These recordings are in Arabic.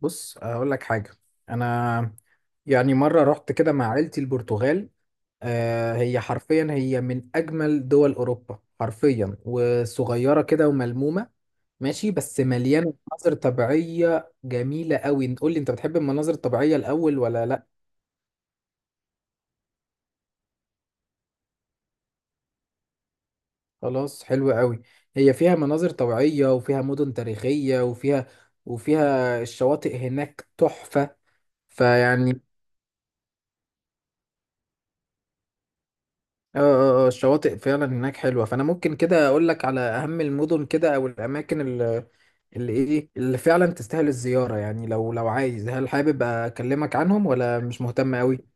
بص اقول لك حاجه. انا، يعني مره رحت كده مع عيلتي البرتغال. هي حرفيا، هي من اجمل دول اوروبا حرفيا، وصغيره كده وملمومه، ماشي، بس مليانه مناظر طبيعيه جميله قوي. قول لي، انت بتحب المناظر الطبيعيه الاول ولا لا؟ خلاص، حلو قوي. هي فيها مناظر طبيعيه، وفيها مدن تاريخيه، وفيها الشواطئ هناك تحفه. فيعني الشواطئ فعلا هناك حلوة. فأنا ممكن كده أقول لك على أهم المدن كده، أو الأماكن اللي إيه، اللي فعلا تستاهل الزيارة. يعني لو عايز، هل حابب أكلمك عنهم ولا مش مهتم أوي؟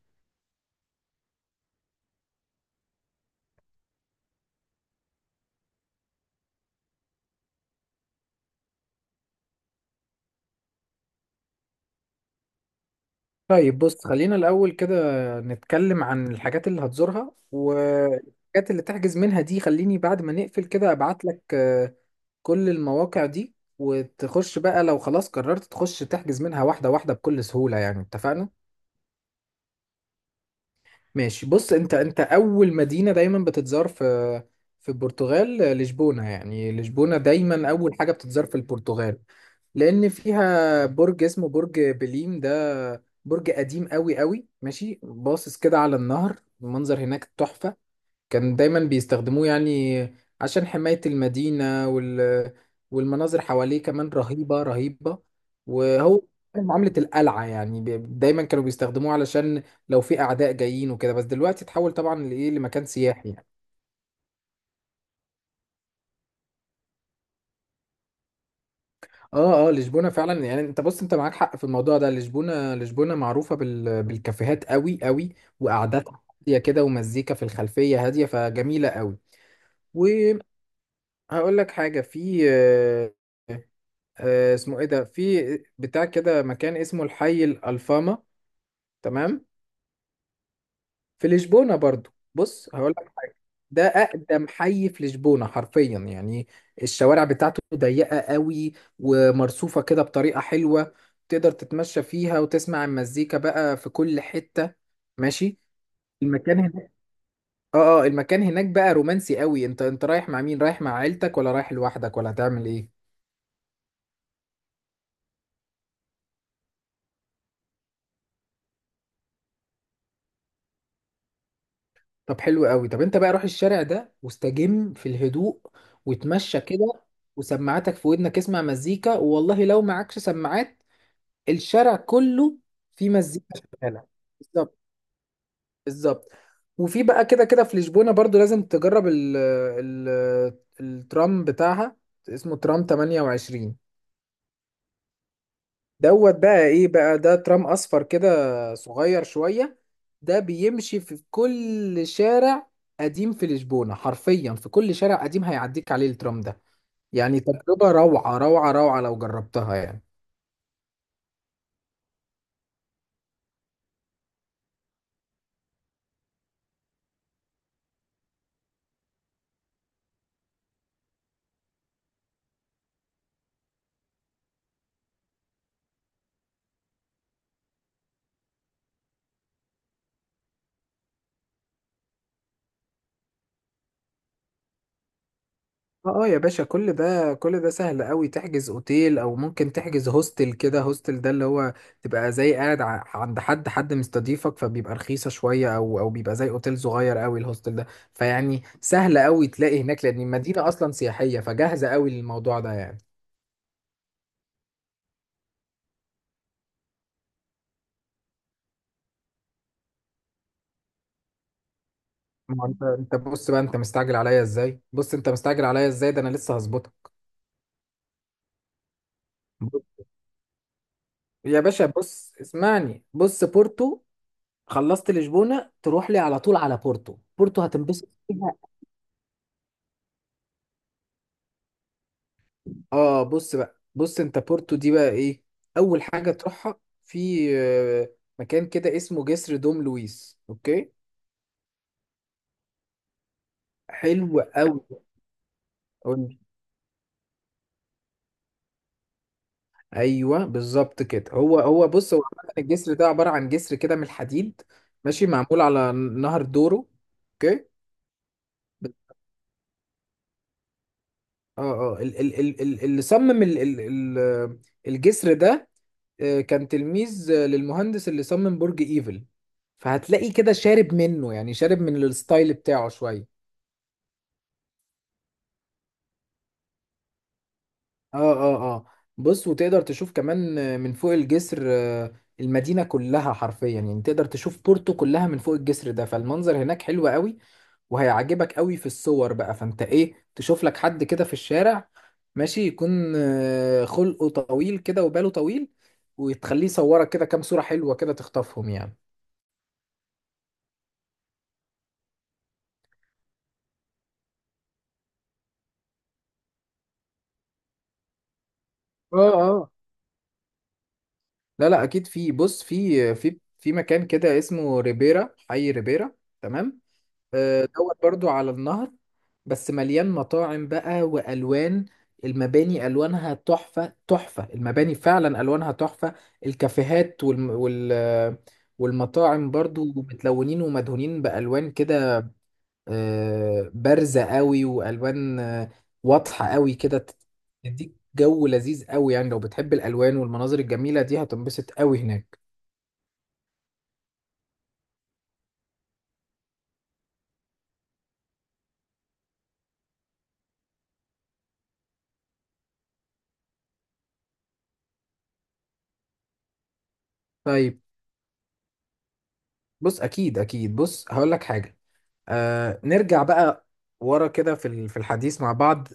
طيب بص، خلينا الأول كده نتكلم عن الحاجات اللي هتزورها، والحاجات اللي تحجز منها دي خليني بعد ما نقفل كده أبعت لك كل المواقع دي، وتخش بقى لو خلاص قررت تخش تحجز منها واحدة واحدة بكل سهولة. يعني اتفقنا؟ ماشي، بص انت اول مدينة دايما بتتزار في البرتغال لشبونة. يعني لشبونة دايما اول حاجة بتتزار في البرتغال، لان فيها برج اسمه برج بليم. ده برج قديم قوي قوي، ماشي، باصص كده على النهر، المنظر هناك تحفة. كان دايما بيستخدموه، يعني عشان حماية المدينة والمناظر حواليه كمان رهيبة رهيبة. وهو كان معاملة القلعة، يعني دايما كانوا بيستخدموه علشان لو في أعداء جايين وكده. بس دلوقتي اتحول طبعا لإيه، لمكان سياحي يعني. اه لشبونة فعلا، يعني انت بص، انت معاك حق في الموضوع ده. لشبونة، لشبونة معروفة بالكافيهات قوي قوي، وقعداتها هادية كده، ومزيكا في الخلفية هادية، فجميلة قوي. وهقول لك حاجة في اسمه ايه ده، في بتاع كده مكان اسمه الحي الألفاما. تمام، في لشبونة برضو. بص هقول لك حاجة، ده أقدم حي في لشبونة حرفيا يعني. الشوارع بتاعته ضيقة قوي، ومرصوفة كده بطريقة حلوة، تقدر تتمشى فيها وتسمع المزيكا بقى في كل حتة. ماشي، المكان هناك اه المكان هناك بقى رومانسي قوي. انت رايح مع مين، رايح مع عيلتك ولا رايح لوحدك ولا هتعمل ايه؟ طب حلو قوي، طب انت بقى روح الشارع ده واستجم في الهدوء، وتمشى كده وسماعاتك في ودنك، اسمع مزيكا. والله لو معكش سماعات، الشارع كله فيه مزيكا شغالة. بالظبط، بالظبط. وفي بقى كده كده في لشبونة برضو لازم تجرب ال الترام بتاعها. اسمه ترام 28 دوت. بقى ايه بقى ده، ترام اصفر كده، صغير شوية، ده بيمشي في كل شارع قديم في لشبونة. حرفيا في كل شارع قديم هيعديك عليه الترام ده. يعني تجربة روعة روعة روعة لو جربتها يعني. يا باشا كل ده كل ده سهل قوي. تحجز اوتيل او ممكن تحجز هوستل كده. هوستل ده اللي هو تبقى زي قاعد عند حد مستضيفك، فبيبقى رخيصة شوية، او بيبقى زي اوتيل صغير قوي الهوستل ده. فيعني سهل قوي تلاقي هناك، لان المدينة اصلا سياحية، فجاهزة قوي للموضوع ده يعني. ما هو انت بص بقى، انت مستعجل عليا ازاي، بص انت مستعجل عليا ازاي، ده انا لسه هظبطها. بص- يا باشا بص اسمعني، بص بورتو. خلصت لشبونة تروح لي على طول على بورتو. بورتو هتنبسط. اه بص بقى، بص انت بورتو دي بقى ايه. اول حاجه تروحها في مكان كده اسمه جسر دوم لويس. اوكي، حلو قوي. قولي. ايوه بالظبط كده، هو هو بص، هو عامة الجسر ده عباره عن جسر كده من الحديد، ماشي، معمول على نهر دورو. اوكي اه اللي صمم ال- الجسر ده كان تلميذ للمهندس اللي صمم برج ايفل. فهتلاقي كده شارب منه، يعني شارب من الستايل بتاعه شويه. اه اه اه بص، وتقدر تشوف كمان من فوق الجسر المدينة كلها حرفيا. يعني تقدر تشوف بورتو كلها من فوق الجسر ده، فالمنظر هناك حلو قوي وهيعجبك قوي. في الصور بقى فانت ايه، تشوف لك حد كده في الشارع، ماشي يكون خلقه طويل كده وباله طويل، وتخليه يصورك كده كام صورة حلوة كده تخطفهم يعني. اه اه لا لا اكيد في. بص في مكان كده اسمه ريبيرا، حي ريبيرا. تمام دوت برضو على النهر. بس مليان مطاعم بقى، والوان المباني الوانها تحفه تحفه. المباني فعلا الوانها تحفه. الكافيهات والمطاعم برضو متلونين، ومدهونين بالوان كده بارزه قوي، والوان واضحه قوي كده. تديك جو لذيذ قوي يعني. لو بتحب الالوان والمناظر الجميله دي هتنبسط قوي هناك. طيب بص اكيد اكيد. بص هقول لك حاجه. نرجع بقى ورا كده في في الحديث مع بعض،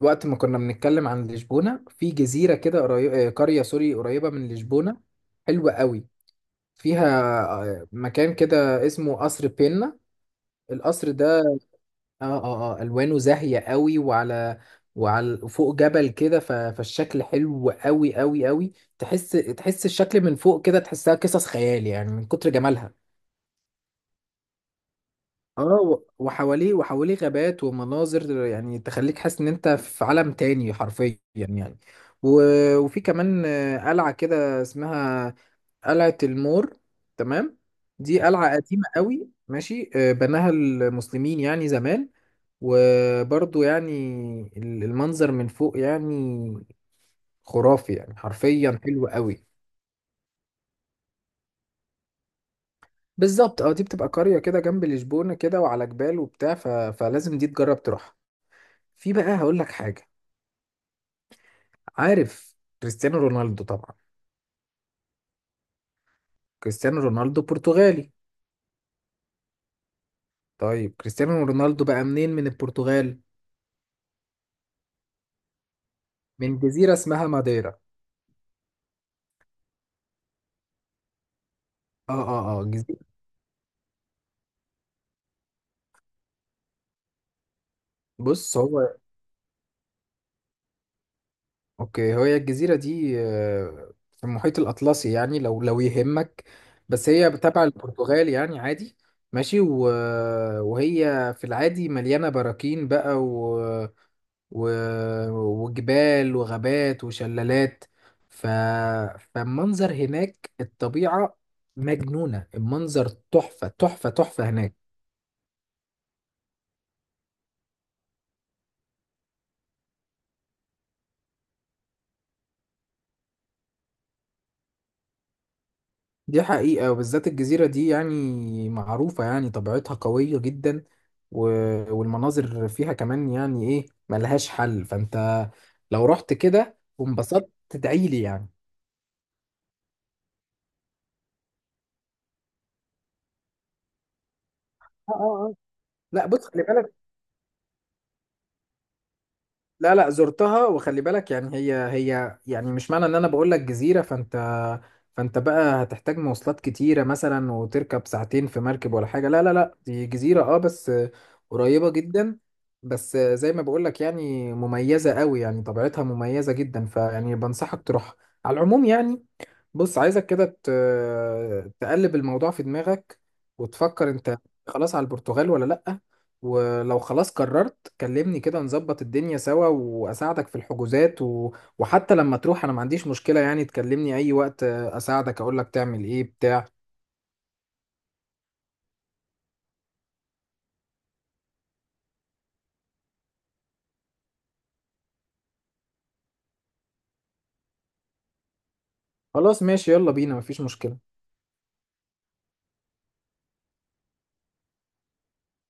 وقت ما كنا بنتكلم عن لشبونة، في جزيرة كده قرية سوري قريبة من لشبونة، حلوة قوي. فيها مكان كده اسمه قصر بينا. القصر ده اه ألوانه زاهية قوي، وعلى فوق جبل كده. فالشكل حلو قوي قوي قوي. تحس الشكل من فوق كده، تحسها قصص خيال يعني من كتر جمالها. اه، وحواليه غابات ومناظر، يعني تخليك حاسس ان انت في عالم تاني حرفيا يعني. وفي كمان قلعة كده اسمها قلعة المور. تمام، دي قلعة قديمة قوي، ماشي بناها المسلمين يعني زمان. وبرضو يعني المنظر من فوق يعني خرافي، يعني حرفيا حلو قوي. بالظبط، دي بتبقى قرية كده جنب لشبونة كده، وعلى جبال وبتاع. فلازم دي تجرب تروحها. في بقى هقول لك حاجة. عارف كريستيانو رونالدو طبعا. كريستيانو رونالدو برتغالي. طيب كريستيانو رونالدو بقى منين من البرتغال؟ من جزيرة اسمها ماديرا. اه جزيرة بص. هو اوكي، هي الجزيرة دي في المحيط الأطلسي يعني، لو يهمك، بس هي تبع البرتغال يعني، عادي. ماشي، وهي في العادي مليانة براكين بقى، و- وجبال وغابات وشلالات. ف... فالمنظر هناك الطبيعة مجنونة، المنظر تحفة تحفة تحفة هناك. دي حقيقة، وبالذات الجزيرة دي يعني معروفة، يعني طبيعتها قوية جدا، و... والمناظر فيها كمان يعني ايه، ملهاش حل. فانت لو رحت كده وانبسطت تدعيلي يعني. اه اه اه لا بص، خلي بالك. لا لا زرتها. وخلي بالك يعني، هي يعني مش معنى ان انا بقول لك جزيرة فانت بقى هتحتاج مواصلات كتيرة مثلا، وتركب ساعتين في مركب ولا حاجة. لا لا لا، دي جزيرة بس قريبة جدا. بس زي ما بقول لك يعني مميزة قوي، يعني طبيعتها مميزة جدا، فيعني بنصحك تروح. على العموم يعني، بص عايزك كده تقلب الموضوع في دماغك، وتفكر انت خلاص على البرتغال ولا لا. ولو خلاص قررت كلمني كده، نظبط الدنيا سوا واساعدك في الحجوزات وحتى لما تروح انا ما عنديش مشكلة. يعني تكلمني اي وقت اساعدك، اقولك تعمل ايه بتاع. خلاص ماشي، يلا بينا، مفيش مشكلة.